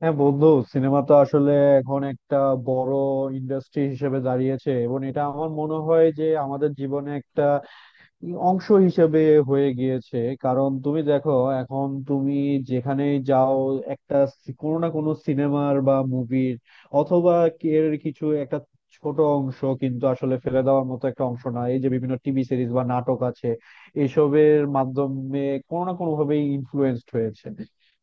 হ্যাঁ বন্ধু, সিনেমা তো আসলে এখন একটা বড় ইন্ডাস্ট্রি হিসেবে দাঁড়িয়েছে, এবং এটা আমার মনে হয় যে আমাদের জীবনে একটা অংশ হিসেবে হয়ে গিয়েছে। কারণ তুমি দেখো, এখন তুমি যেখানেই যাও, একটা কোনো না কোনো সিনেমার বা মুভির, অথবা এর কিছু একটা ছোট অংশ, কিন্তু আসলে ফেলে দেওয়ার মতো একটা অংশ না, এই যে বিভিন্ন টিভি সিরিজ বা নাটক আছে এসবের মাধ্যমে কোনো না কোনো ভাবে ইনফ্লুয়েন্সড হয়েছে।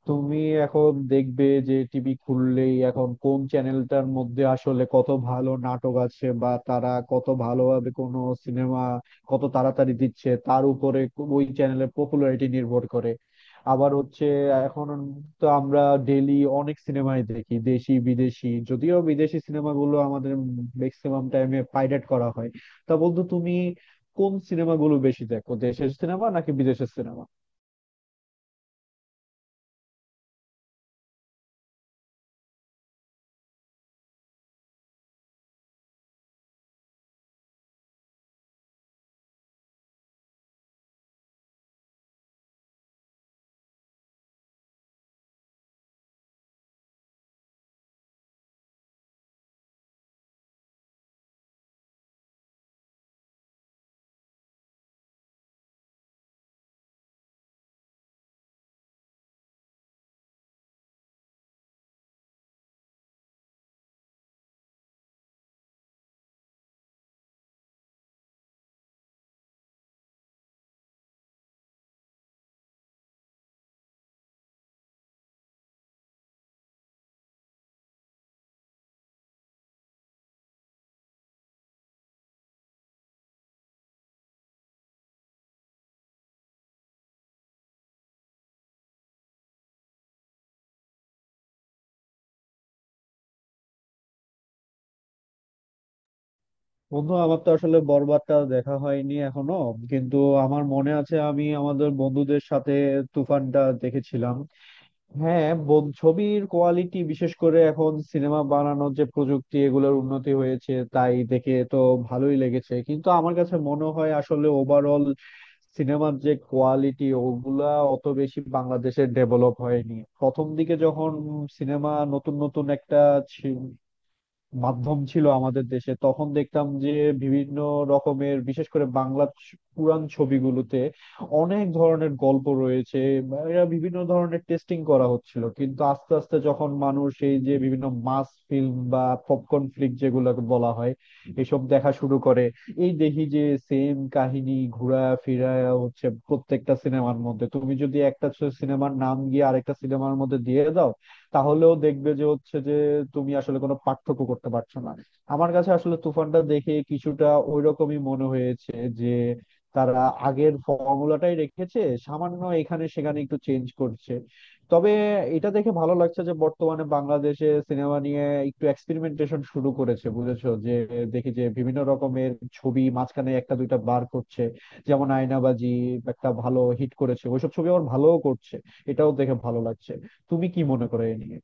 তুমি এখন দেখবে যে টিভি খুললেই এখন কোন চ্যানেলটার মধ্যে আসলে কত ভালো নাটক আছে, বা তারা কত ভালোভাবে কোনো সিনেমা কত তাড়াতাড়ি দিচ্ছে তার উপরে ওই চ্যানেলের পপুলারিটি নির্ভর করে। আবার হচ্ছে এখন তো আমরা ডেইলি অনেক সিনেমাই দেখি, দেশি বিদেশি, যদিও বিদেশি সিনেমাগুলো আমাদের ম্যাক্সিমাম টাইমে পাইরেট করা হয়। তা বন্ধু, তুমি কোন সিনেমাগুলো বেশি দেখো, দেশের সিনেমা নাকি বিদেশের সিনেমা? বন্ধু আমার তো আসলে বরবাদটা দেখা হয়নি এখনো, কিন্তু আমার মনে আছে আমি আমাদের বন্ধুদের সাথে তুফানটা দেখেছিলাম। হ্যাঁ, ছবির কোয়ালিটি, বিশেষ করে এখন সিনেমা বানানোর যে প্রযুক্তি এগুলোর উন্নতি হয়েছে তাই দেখে তো ভালোই লেগেছে, কিন্তু আমার কাছে মনে হয় আসলে ওভারঅল সিনেমার যে কোয়ালিটি ওগুলা অত বেশি বাংলাদেশে ডেভেলপ হয়নি। প্রথম দিকে যখন সিনেমা নতুন নতুন একটা মাধ্যম ছিল আমাদের দেশে, তখন দেখতাম যে বিভিন্ন রকমের, বিশেষ করে বাংলা পুরাণ ছবিগুলোতে অনেক ধরনের গল্প রয়েছে, বা এরা বিভিন্ন ধরনের টেস্টিং করা হচ্ছিল। কিন্তু আস্তে আস্তে যখন মানুষ এই যে বিভিন্ন মাস ফিল্ম বা পপকর্ন ফ্লিক যেগুলোকে বলা হয়, এসব দেখা শুরু করে, এই দেখি যে সেম কাহিনী ঘুরা ফিরা হচ্ছে প্রত্যেকটা সিনেমার মধ্যে। তুমি যদি একটা সিনেমার নাম গিয়ে আরেকটা সিনেমার মধ্যে দিয়ে দাও, তাহলেও দেখবে যে হচ্ছে যে তুমি আসলে কোনো পার্থক্য করতে পারছো না। আমার কাছে আসলে তুফানটা দেখে কিছুটা ওইরকমই মনে হয়েছে, যে তারা আগের ফর্মুলাটাই রেখেছে, সামান্য এখানে সেখানে একটু চেঞ্জ করছে। তবে এটা দেখে ভালো লাগছে যে বর্তমানে বাংলাদেশে সিনেমা নিয়ে একটু এক্সপেরিমেন্টেশন শুরু করেছে, বুঝেছো? যে দেখি যে বিভিন্ন রকমের ছবি মাঝখানে একটা দুইটা বার করছে, যেমন আয়নাবাজি একটা ভালো হিট করেছে, ওইসব ছবি আবার ভালোও করছে। এটাও দেখে ভালো লাগছে। তুমি কি মনে করো এই নিয়ে?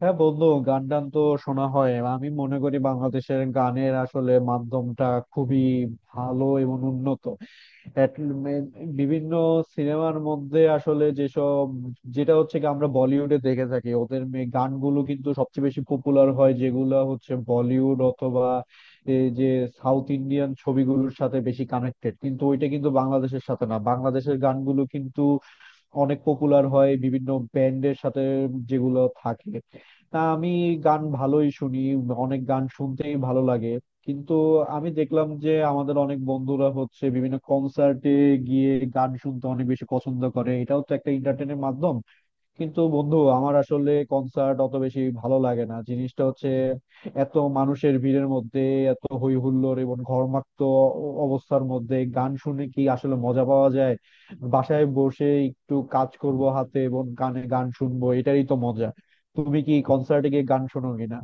হ্যাঁ বন্ধু, গান টান তো শোনা হয়। আমি মনে করি বাংলাদেশের গানের আসলে মাধ্যমটা খুবই ভালো এবং উন্নত। At least বিভিন্ন সিনেমার মধ্যে আসলে যেসব, যেটা হচ্ছে কি আমরা বলিউডে দেখে থাকি ওদের গানগুলো কিন্তু সবচেয়ে বেশি পপুলার হয় যেগুলো হচ্ছে বলিউড অথবা এই যে সাউথ ইন্ডিয়ান ছবিগুলোর সাথে বেশি কানেক্টেড। কিন্তু ওইটা কিন্তু বাংলাদেশের সাথে না, বাংলাদেশের গানগুলো কিন্তু অনেক পপুলার হয় বিভিন্ন ব্যান্ডের সাথে যেগুলো থাকে। তা আমি গান ভালোই শুনি, অনেক গান শুনতেই ভালো লাগে। কিন্তু আমি দেখলাম যে আমাদের অনেক বন্ধুরা হচ্ছে বিভিন্ন কনসার্টে গিয়ে গান শুনতে অনেক বেশি পছন্দ করে। এটাও তো একটা এন্টারটেনের মাধ্যম। কিন্তু বন্ধু, আমার আসলে কনসার্ট অত বেশি ভালো লাগে না। জিনিসটা হচ্ছে, এত মানুষের ভিড়ের মধ্যে, এত হই হুল্লোড় এবং ঘর্মাক্ত অবস্থার মধ্যে গান শুনে কি আসলে মজা পাওয়া যায়? বাসায় বসে একটু কাজ করব হাতে, এবং কানে গান শুনবো, এটাই তো মজা। তুমি কি কনসার্টে গিয়ে গান শোনো কিনা?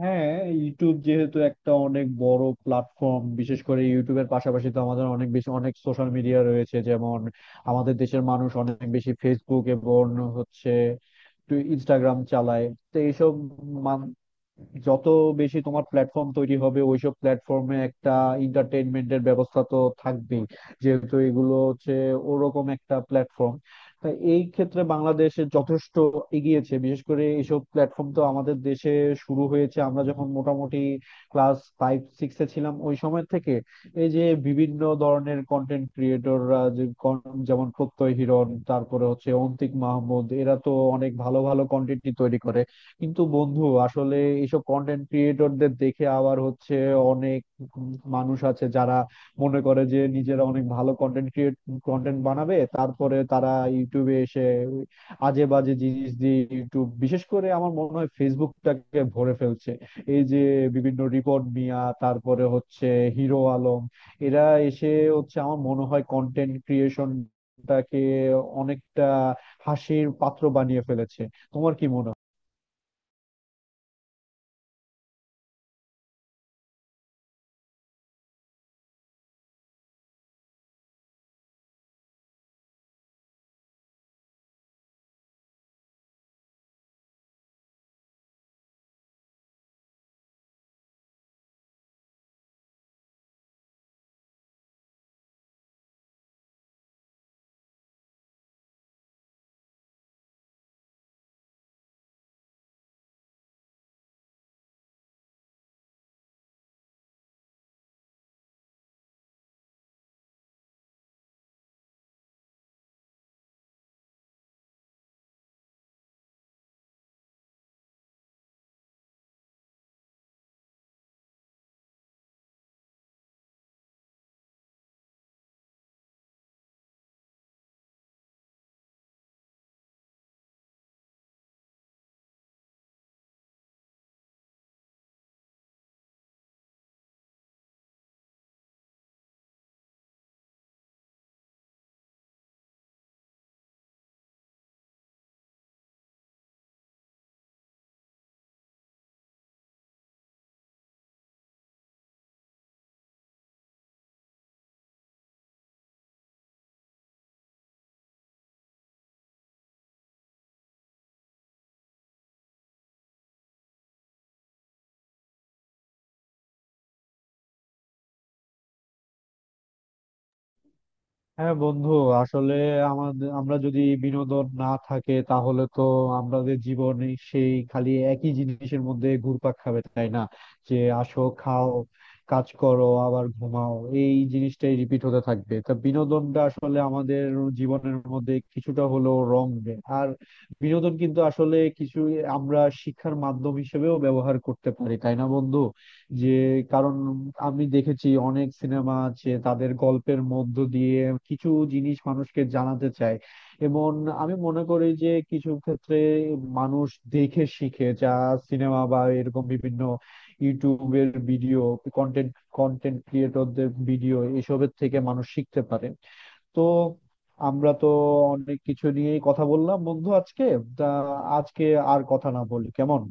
হ্যাঁ, ইউটিউব যেহেতু একটা অনেক বড় প্ল্যাটফর্ম, বিশেষ করে ইউটিউবের পাশাপাশি তো আমাদের অনেক বেশি অনেক সোশ্যাল মিডিয়া রয়েছে, যেমন আমাদের দেশের মানুষ অনেক বেশি ফেসবুক এবং হচ্ছে ইনস্টাগ্রাম চালায়। তো এইসব, যত বেশি তোমার প্ল্যাটফর্ম তৈরি হবে, ওইসব প্ল্যাটফর্মে একটা এন্টারটেইনমেন্টের ব্যবস্থা তো থাকবেই, যেহেতু এগুলো হচ্ছে ওরকম একটা প্ল্যাটফর্ম। তাই এই ক্ষেত্রে বাংলাদেশে যথেষ্ট এগিয়েছে। বিশেষ করে এইসব প্ল্যাটফর্ম তো আমাদের দেশে শুরু হয়েছে আমরা যখন মোটামুটি ক্লাস ফাইভ সিক্সে ছিলাম ওই সময় থেকে। এই যে বিভিন্ন ধরনের কন্টেন্ট ক্রিয়েটররা, যেমন প্রত্যয় হিরণ, তারপরে হচ্ছে অন্তিক মাহমুদ, এরা তো অনেক ভালো ভালো কন্টেন্টই তৈরি করে। কিন্তু বন্ধু আসলে এইসব কন্টেন্ট ক্রিয়েটরদের দেখে আবার হচ্ছে অনেক মানুষ আছে যারা মনে করে যে নিজেরা অনেক ভালো কন্টেন্ট বানাবে, তারপরে তারা ইউটিউবে এসে আজে বাজে জিনিস দিয়ে ইউটিউব, বিশেষ করে আমার মনে হয় ফেসবুকটাকে ভরে ফেলছে। এই যে বিভিন্ন রিপোর্ট মিয়া, তারপরে হচ্ছে হিরো আলম, এরা এসে হচ্ছে আমার মনে হয় কন্টেন্ট ক্রিয়েশনটাকে অনেকটা হাসির পাত্র বানিয়ে ফেলেছে। তোমার কি মনে হয়? হ্যাঁ বন্ধু, আসলে আমাদের, আমরা যদি বিনোদন না থাকে তাহলে তো আমাদের জীবন সেই খালি একই জিনিসের মধ্যে ঘুরপাক খাবে, তাই না? যে আসো, খাও, কাজ করো, আবার ঘুমাও, এই জিনিসটাই রিপিট হতে থাকবে। তা বিনোদনটা আসলে আমাদের জীবনের মধ্যে কিছুটা হলেও রং দেয়। আর বিনোদন কিন্তু আসলে কিছু, আমরা শিক্ষার মাধ্যম হিসেবেও ব্যবহার করতে পারি, তাই না বন্ধু? যে, কারণ আমি দেখেছি অনেক সিনেমা আছে তাদের গল্পের মধ্য দিয়ে কিছু জিনিস মানুষকে জানাতে চায়, এবং আমি মনে করি যে কিছু ক্ষেত্রে মানুষ দেখে শিখে, যা সিনেমা বা এরকম বিভিন্ন ইউটিউবের ভিডিও, কন্টেন্ট, কন্টেন্ট ক্রিয়েটরদের ভিডিও এসবের থেকে মানুষ শিখতে পারে। তো আমরা তো অনেক কিছু নিয়েই কথা বললাম বন্ধু আজকে। তা আজকে আর কথা না বলি, কেমন?